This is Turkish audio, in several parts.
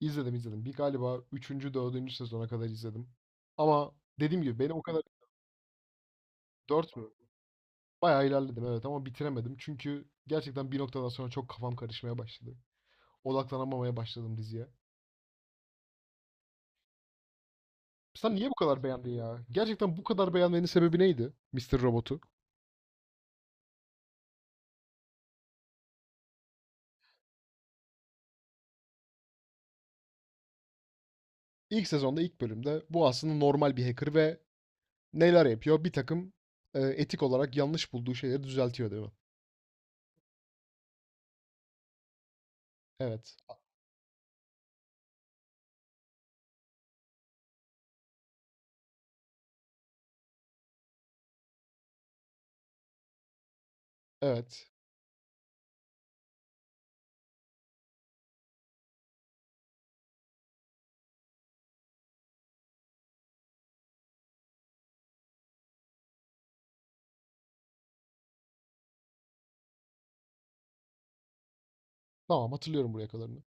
İzledim, izledim. Bir galiba üçüncü dördüncü sezona kadar izledim. Ama dediğim gibi beni o kadar 4 mü? Bayağı ilerledim, evet, ama bitiremedim. Çünkü gerçekten bir noktadan sonra çok kafam karışmaya başladı. Odaklanamamaya başladım diziye. Sen niye bu kadar beğendin ya? Gerçekten bu kadar beğenmenin sebebi neydi Mister Robot'u? İlk sezonda ilk bölümde bu aslında normal bir hacker ve neler yapıyor? Bir takım etik olarak yanlış bulduğu şeyleri düzeltiyor, değil mi? Evet. Evet. Tamam, hatırlıyorum buraya kadarını.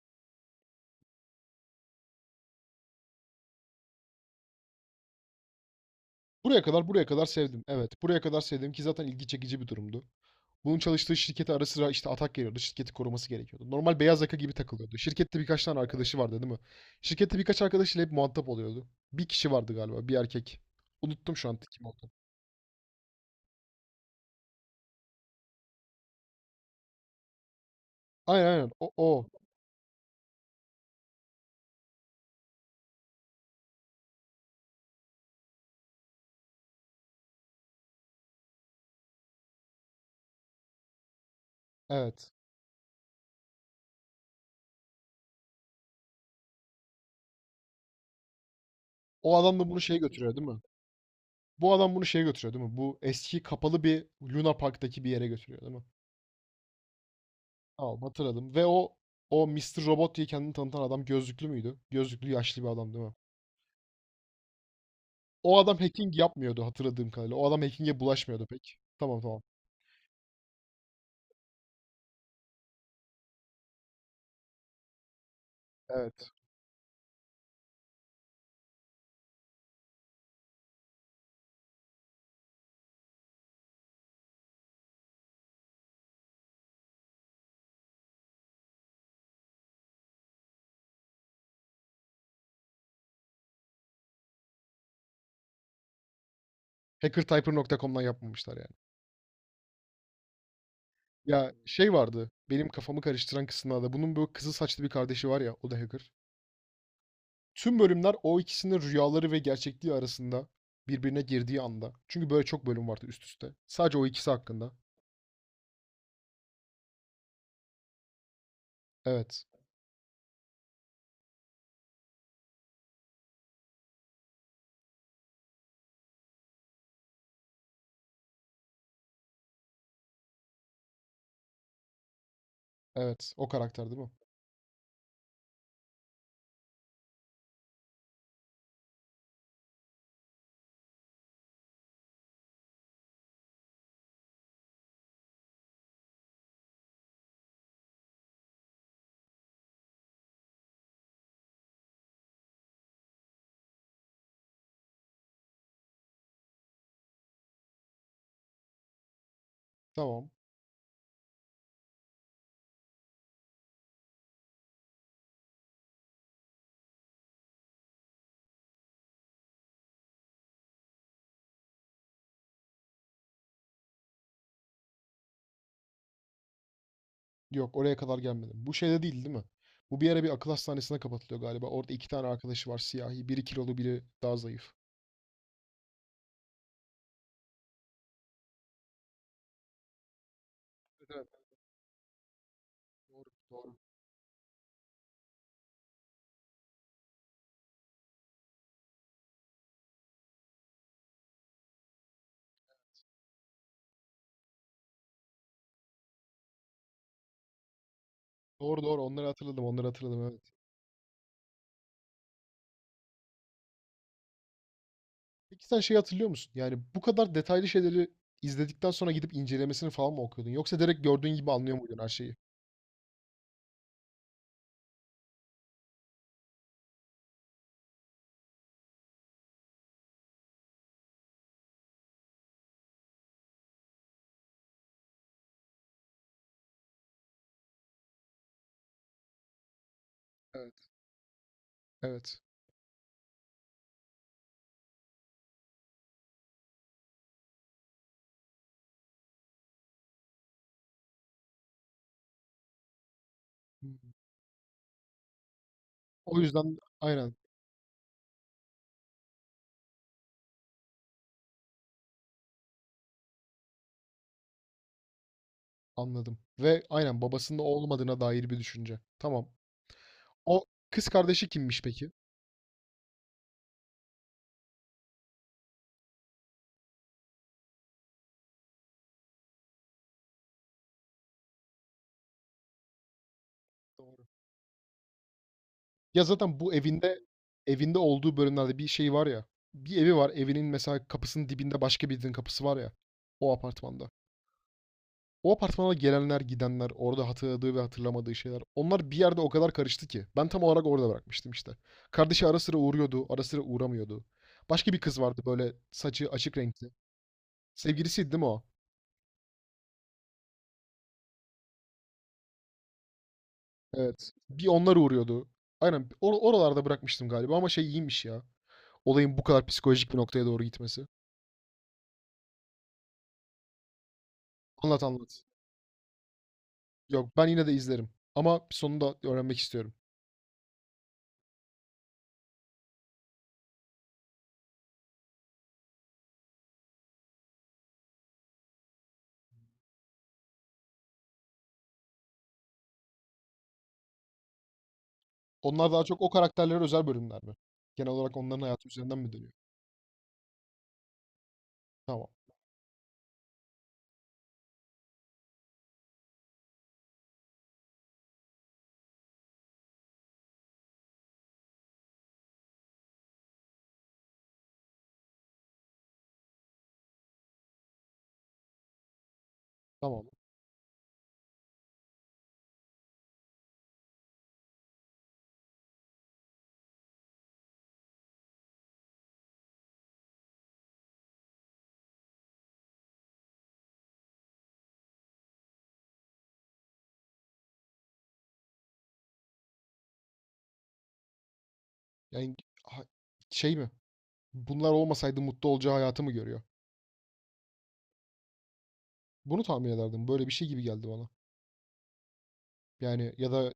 Buraya kadar sevdim. Evet, buraya kadar sevdim ki zaten ilgi çekici bir durumdu. Bunun çalıştığı şirkete ara sıra işte atak geliyordu. Şirketi koruması gerekiyordu. Normal beyaz yaka gibi takılıyordu. Şirkette birkaç tane arkadaşı vardı, değil mi? Şirkette birkaç arkadaşıyla hep muhatap oluyordu. Bir kişi vardı galiba, bir erkek. Unuttum şu an kim olduğunu. Aynen, aynen. O, o. Evet. O adam da bunu şeye götürüyor, değil mi? Bu adam bunu şeye götürüyor, değil mi? Bu eski kapalı bir Luna Park'taki bir yere götürüyor, değil mi? Tamam, hatırladım. Ve o Mister Robot diye kendini tanıtan adam gözlüklü müydü? Gözlüklü yaşlı bir adam, değil mi? O adam hacking yapmıyordu hatırladığım kadarıyla. O adam hacking'e bulaşmıyordu pek. Tamam, tamam. Evet. Hackertyper.com'dan yapmamışlar yani. Ya şey vardı. Benim kafamı karıştıran kısımlarda. Bunun böyle kızıl saçlı bir kardeşi var ya. O da hacker. Tüm bölümler o ikisinin rüyaları ve gerçekliği arasında birbirine girdiği anda. Çünkü böyle çok bölüm vardı üst üste. Sadece o ikisi hakkında. Evet. Evet. O karakter değil mi? Tamam. Yok, oraya kadar gelmedim. Bu şeyde değil değil mi? Bu bir ara bir akıl hastanesine kapatılıyor galiba. Orada iki tane arkadaşı var, siyahi. Biri kilolu, biri daha zayıf. Evet, evet. Doğru, doğru. Doğru, doğru, onları hatırladım, evet. Peki sen şey hatırlıyor musun? Yani bu kadar detaylı şeyleri izledikten sonra gidip incelemesini falan mı okuyordun? Yoksa direkt gördüğün gibi anlıyor muydun her şeyi? Evet. Evet. Hmm. O yüzden aynen anladım. Ve aynen babasının o olmadığına dair bir düşünce. Tamam. O kız kardeşi kimmiş peki? Doğru. Ya zaten bu evinde olduğu bölümlerde bir şey var ya. Bir evi var. Evinin mesela kapısının dibinde başka birinin kapısı var ya. O apartmanda. O apartmana gelenler, gidenler, orada hatırladığı ve hatırlamadığı şeyler. Onlar bir yerde o kadar karıştı ki. Ben tam olarak orada bırakmıştım işte. Kardeşi ara sıra uğruyordu, ara sıra uğramıyordu. Başka bir kız vardı böyle, saçı açık renkli. Sevgilisiydi değil mi o? Evet. Bir onlar uğruyordu. Aynen, oralarda bırakmıştım galiba, ama şey iyiymiş ya. Olayın bu kadar psikolojik bir noktaya doğru gitmesi. Anlat, anlat. Yok, ben yine de izlerim. Ama sonunda öğrenmek istiyorum. Onlar daha çok o karakterlere özel bölümler mi? Genel olarak onların hayatı üzerinden mi dönüyor? Tamam. Tamam. Yani ha- şey mi? Bunlar olmasaydı mutlu olacağı hayatı mı görüyor? Bunu tahmin ederdim. Böyle bir şey gibi geldi bana. Yani ya da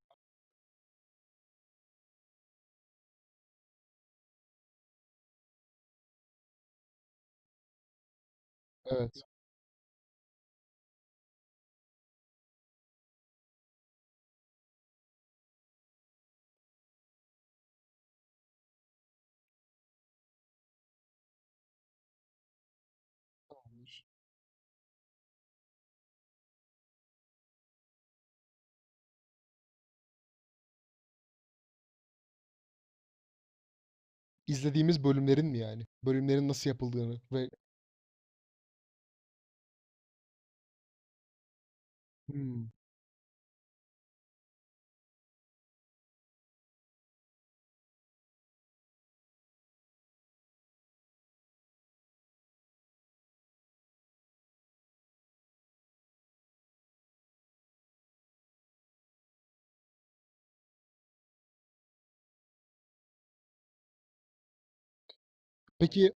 evet, izlediğimiz bölümlerin mi yani? Bölümlerin nasıl yapıldığını ve Hmm. Peki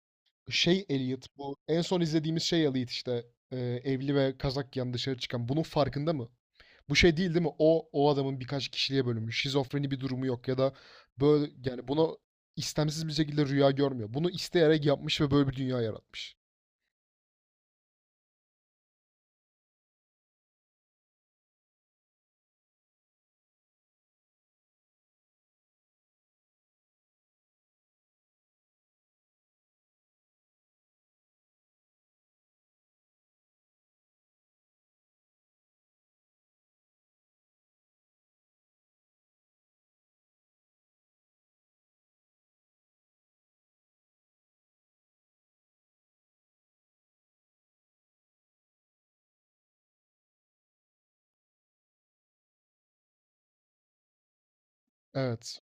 şey, Elliot, bu en son izlediğimiz şey Elliot, işte e, evli ve kazak giyen dışarı çıkan, bunun farkında mı? Bu şey değil değil mi? O adamın birkaç kişiliğe bölünmüş. Şizofreni bir durumu yok ya da böyle, yani buna istemsiz bir şekilde rüya görmüyor. Bunu isteyerek yapmış ve böyle bir dünya yaratmış. Evet.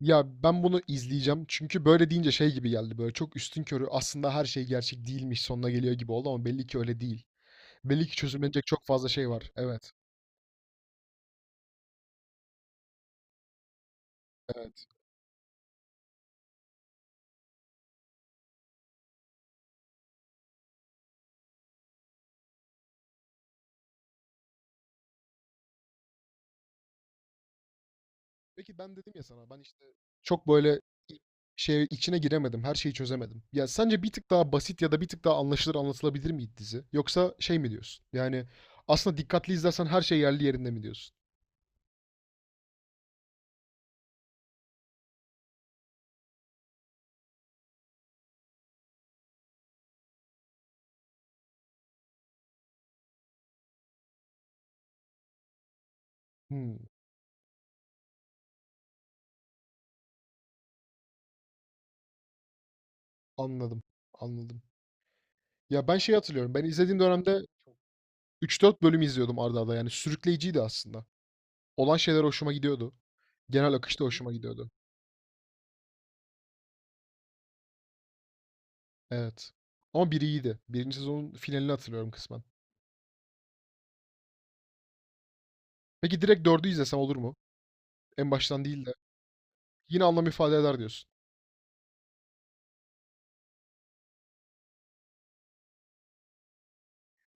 Ya, ben bunu izleyeceğim. Çünkü böyle deyince şey gibi geldi, böyle çok üstünkörü aslında her şey gerçek değilmiş sonuna geliyor gibi oldu, ama belli ki öyle değil. Belli ki çözümlenecek çok fazla şey var. Evet. Evet. Peki ben dedim ya sana, ben işte çok böyle i- şey içine giremedim. Her şeyi çözemedim. Ya sence bir tık daha basit ya da bir tık daha anlaşılır anlatılabilir miydi dizi? Yoksa şey mi diyorsun? Yani aslında dikkatli izlersen her şey yerli yerinde mi diyorsun? Hmm, anladım. Anladım. Ya ben şey hatırlıyorum. Ben izlediğim dönemde üç dört bölüm izliyordum arda arda. Yani sürükleyiciydi aslında. Olan şeyler hoşuma gidiyordu. Genel akış da hoşuma gidiyordu. Evet. Ama biri iyiydi. Birinci sezonun finalini hatırlıyorum kısmen. Peki direkt dördü izlesem olur mu? En baştan değil de. Yine anlam ifade eder diyorsun.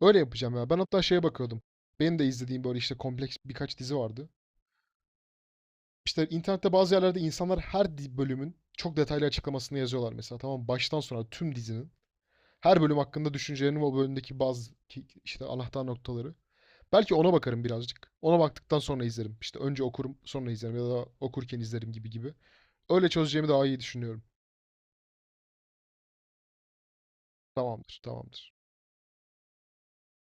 Öyle yapacağım ya. Ben hatta şeye bakıyordum. Benim de izlediğim böyle işte kompleks birkaç dizi vardı. İşte internette bazı yerlerde insanlar her bölümün çok detaylı açıklamasını yazıyorlar mesela. Tamam, baştan sona tüm dizinin. Her bölüm hakkında düşüncelerini ve o bölümdeki bazı işte anahtar noktaları. Belki ona bakarım birazcık. Ona baktıktan sonra izlerim. İşte önce okurum, sonra izlerim ya da okurken izlerim gibi gibi. Öyle çözeceğimi daha iyi düşünüyorum. Tamamdır, tamamdır.